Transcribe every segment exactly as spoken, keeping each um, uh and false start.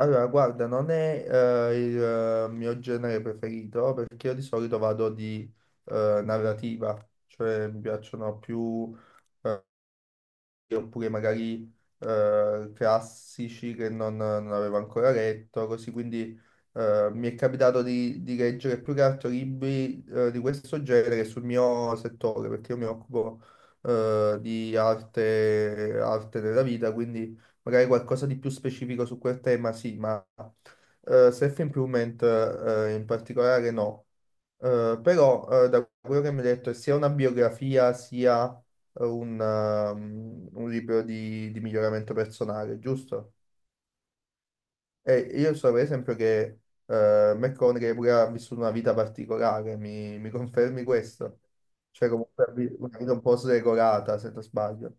Allora, guarda, non è eh, il eh, mio genere preferito perché io di solito vado di eh, narrativa, cioè mi piacciono più eh, oppure magari eh, classici che non, non avevo ancora letto, così quindi eh, mi è capitato di, di leggere più che altro libri eh, di questo genere sul mio settore, perché io mi occupo eh, di arte, arte della vita, quindi magari qualcosa di più specifico su quel tema, sì, ma eh, self-improvement eh, in particolare no. Eh, però eh, da quello che mi hai detto è sia una biografia sia eh, un, ehm, un libro di, di miglioramento personale, giusto? E io so per esempio che eh, McConaughey pure ha vissuto una vita particolare, mi, mi confermi questo? Cioè comunque ha vi- una vita un po' sregolata, se non sbaglio.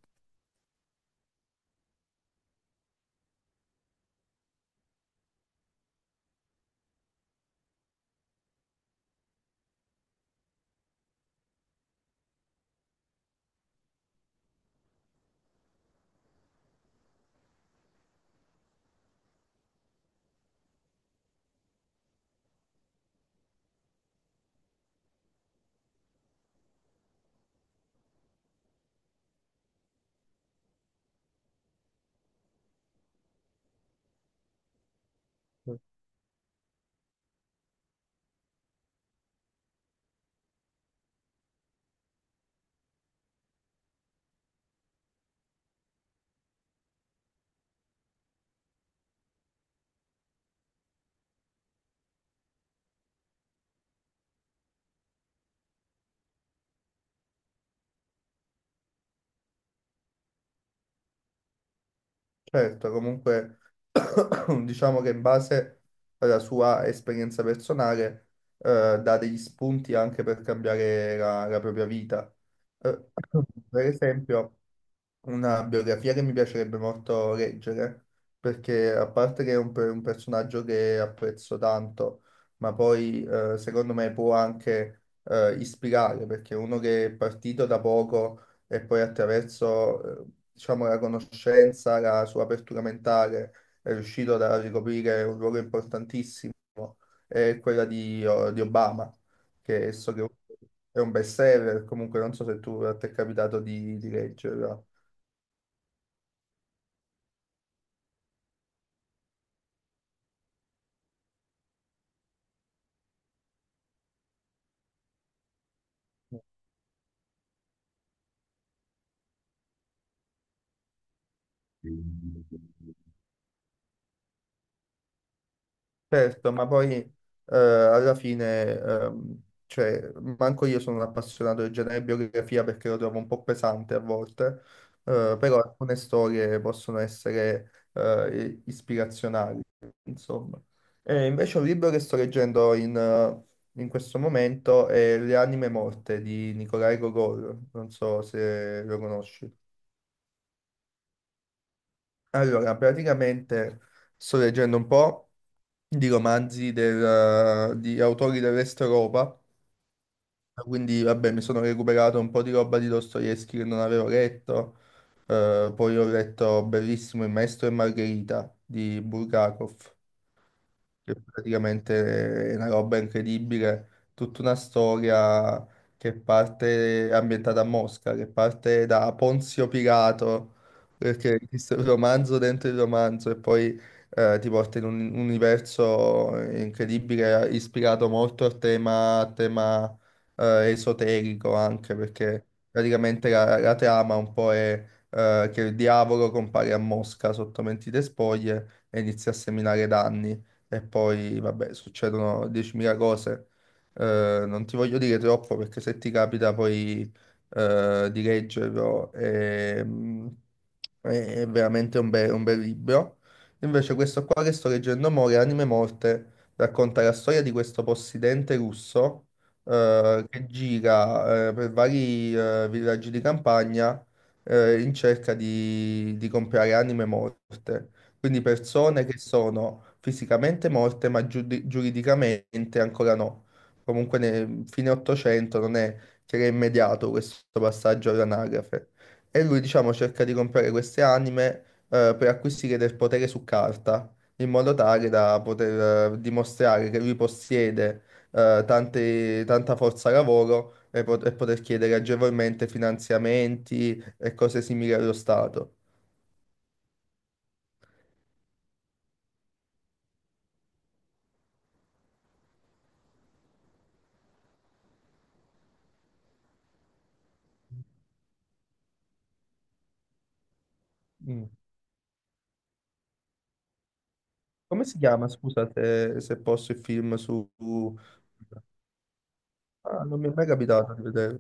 Certo, comunque diciamo che in base alla sua esperienza personale eh, dà degli spunti anche per cambiare la, la propria vita. Eh, per esempio, una biografia che mi piacerebbe molto leggere, perché a parte che è un, pe- un personaggio che apprezzo tanto, ma poi eh, secondo me può anche eh, ispirare, perché è uno che è partito da poco e poi attraverso eh, diciamo, la conoscenza, la sua apertura mentale, è riuscito a ricoprire un ruolo importantissimo, è quella di, oh, di Obama, che so che è un bestseller, comunque non so se tu a te è capitato di, di leggerla. Certo, ma poi eh, alla fine, ehm, cioè, manco io sono un appassionato di genere e biografia perché lo trovo un po' pesante a volte, eh, però alcune storie possono essere eh, ispirazionali, insomma. E invece un libro che sto leggendo in, eh, in questo momento è Le anime morte di Nikolai Gogol, non so se lo conosci. Allora, praticamente sto leggendo un po' di romanzi del- eh, di autori dell'Est Europa. Quindi, vabbè, mi sono recuperato un po' di roba di Dostoevsky che non avevo letto. Eh, poi ho letto bellissimo Il Maestro e Margherita di Bulgakov che praticamente è una roba incredibile, tutta una storia che parte ambientata a Mosca, che parte da Ponzio Pilato, perché esiste un romanzo dentro il romanzo e poi eh, ti porta in un un universo incredibile, ispirato molto al tema, al tema eh, esoterico anche, perché praticamente la, la trama un po' è eh, che il diavolo compare a Mosca sotto mentite spoglie e inizia a seminare danni e poi, vabbè, succedono diecimila cose. Eh, non ti voglio dire troppo perché se ti capita poi eh, di leggerlo, ehm, è è veramente un, be- un bel libro. Invece questo qua che sto leggendo mo, Le anime morte, racconta la storia di questo possidente russo eh, che gira eh, per vari eh, villaggi di campagna eh, in cerca di, di comprare anime morte. Quindi persone che sono fisicamente morte ma giudi- giuridicamente ancora no. Comunque nel fine ottocento non è che era immediato questo passaggio all'anagrafe. E lui, diciamo, cerca di comprare queste anime eh, per acquisire del potere su carta, in modo tale da poter eh, dimostrare che lui possiede eh, tante- tanta forza lavoro e, pot- e poter chiedere agevolmente finanziamenti e cose simili allo Stato. Mm. Come si chiama, scusa, se, se posso, il film su... su- Ah, non mi è mai capitato di vedere.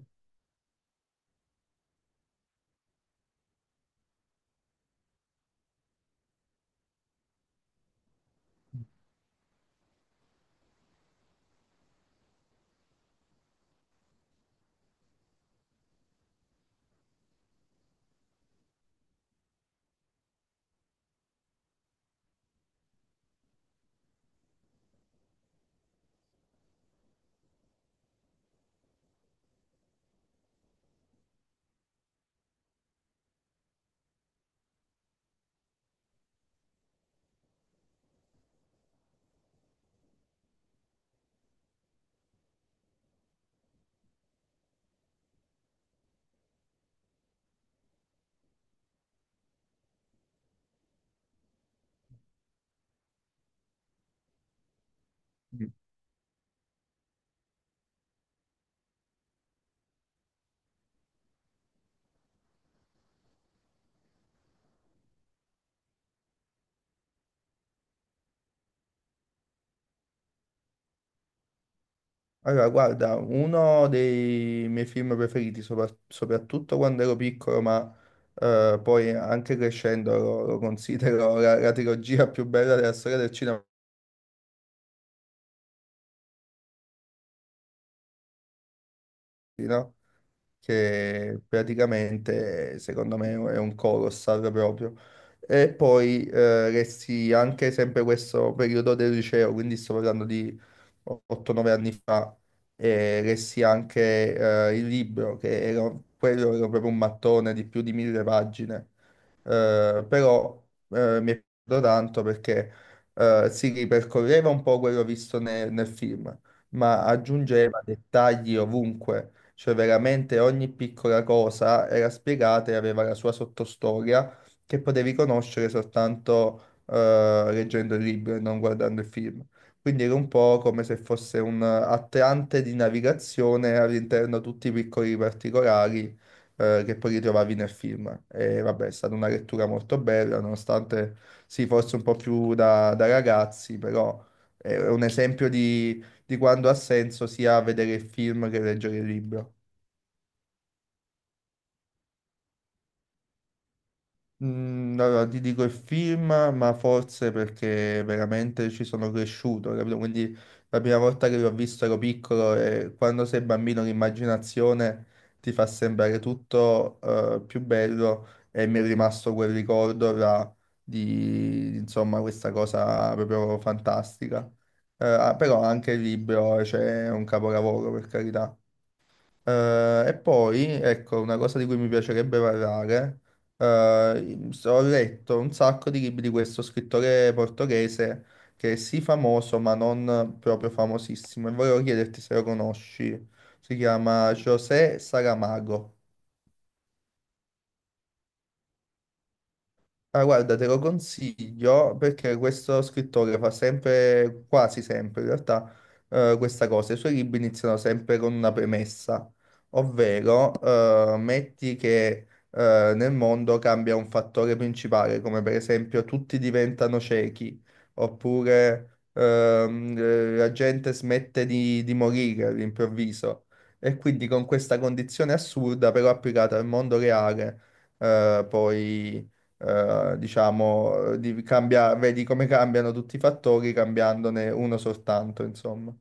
Allora, guarda, uno dei miei film preferiti, sopra- soprattutto quando ero piccolo, ma eh, poi anche crescendo lo, lo considero la, la trilogia più bella della storia del cinema, no? Che praticamente, secondo me, è un colossal proprio. E poi eh, resti anche sempre questo periodo del liceo, quindi sto parlando otto nove anni fa e lessi anche eh, il libro, che era, quello era proprio un mattone di più di mille pagine. Eh, però eh, mi è piaciuto tanto perché eh, si ripercorreva un po' quello visto ne- nel film, ma aggiungeva dettagli ovunque, cioè veramente ogni piccola cosa era spiegata e aveva la sua sottostoria che potevi conoscere soltanto eh, leggendo il libro e non guardando il film. Quindi era un po' come se fosse un attrante di navigazione all'interno tutti i piccoli particolari eh, che poi ritrovavi nel film. E vabbè, è stata una lettura molto bella, nonostante sì, forse un po' più da, da ragazzi, però è un esempio di, di quando ha senso sia vedere il film che leggere il libro. Mm, Allora, ti dico il film, ma forse perché veramente ci sono cresciuto, capito? Quindi la prima volta che l'ho visto ero piccolo e quando sei bambino l'immaginazione ti fa sembrare tutto eh, più bello e mi è rimasto quel ricordo là di, insomma, questa cosa proprio fantastica. Eh, ah, però anche il libro, cioè, è un capolavoro, per carità. Eh, e poi, ecco, una cosa di cui mi piacerebbe parlare, eh, so- ho letto un sacco di libri di questo scrittore portoghese che è sì famoso, ma non proprio famosissimo, e volevo chiederti se lo conosci. Si chiama José Saramago. Ah, guarda, te lo consiglio perché questo scrittore fa sempre, quasi sempre in realtà, eh, questa cosa. I suoi libri iniziano sempre con una premessa, ovvero eh, metti che eh, nel mondo cambia un fattore principale, come per esempio tutti diventano ciechi, oppure ehm, eh, la gente smette di, di morire all'improvviso. E quindi con questa condizione assurda, però applicata al mondo reale, eh, poi eh, diciamo, eh, di cambia- vedi come cambiano tutti i fattori cambiandone uno soltanto, insomma.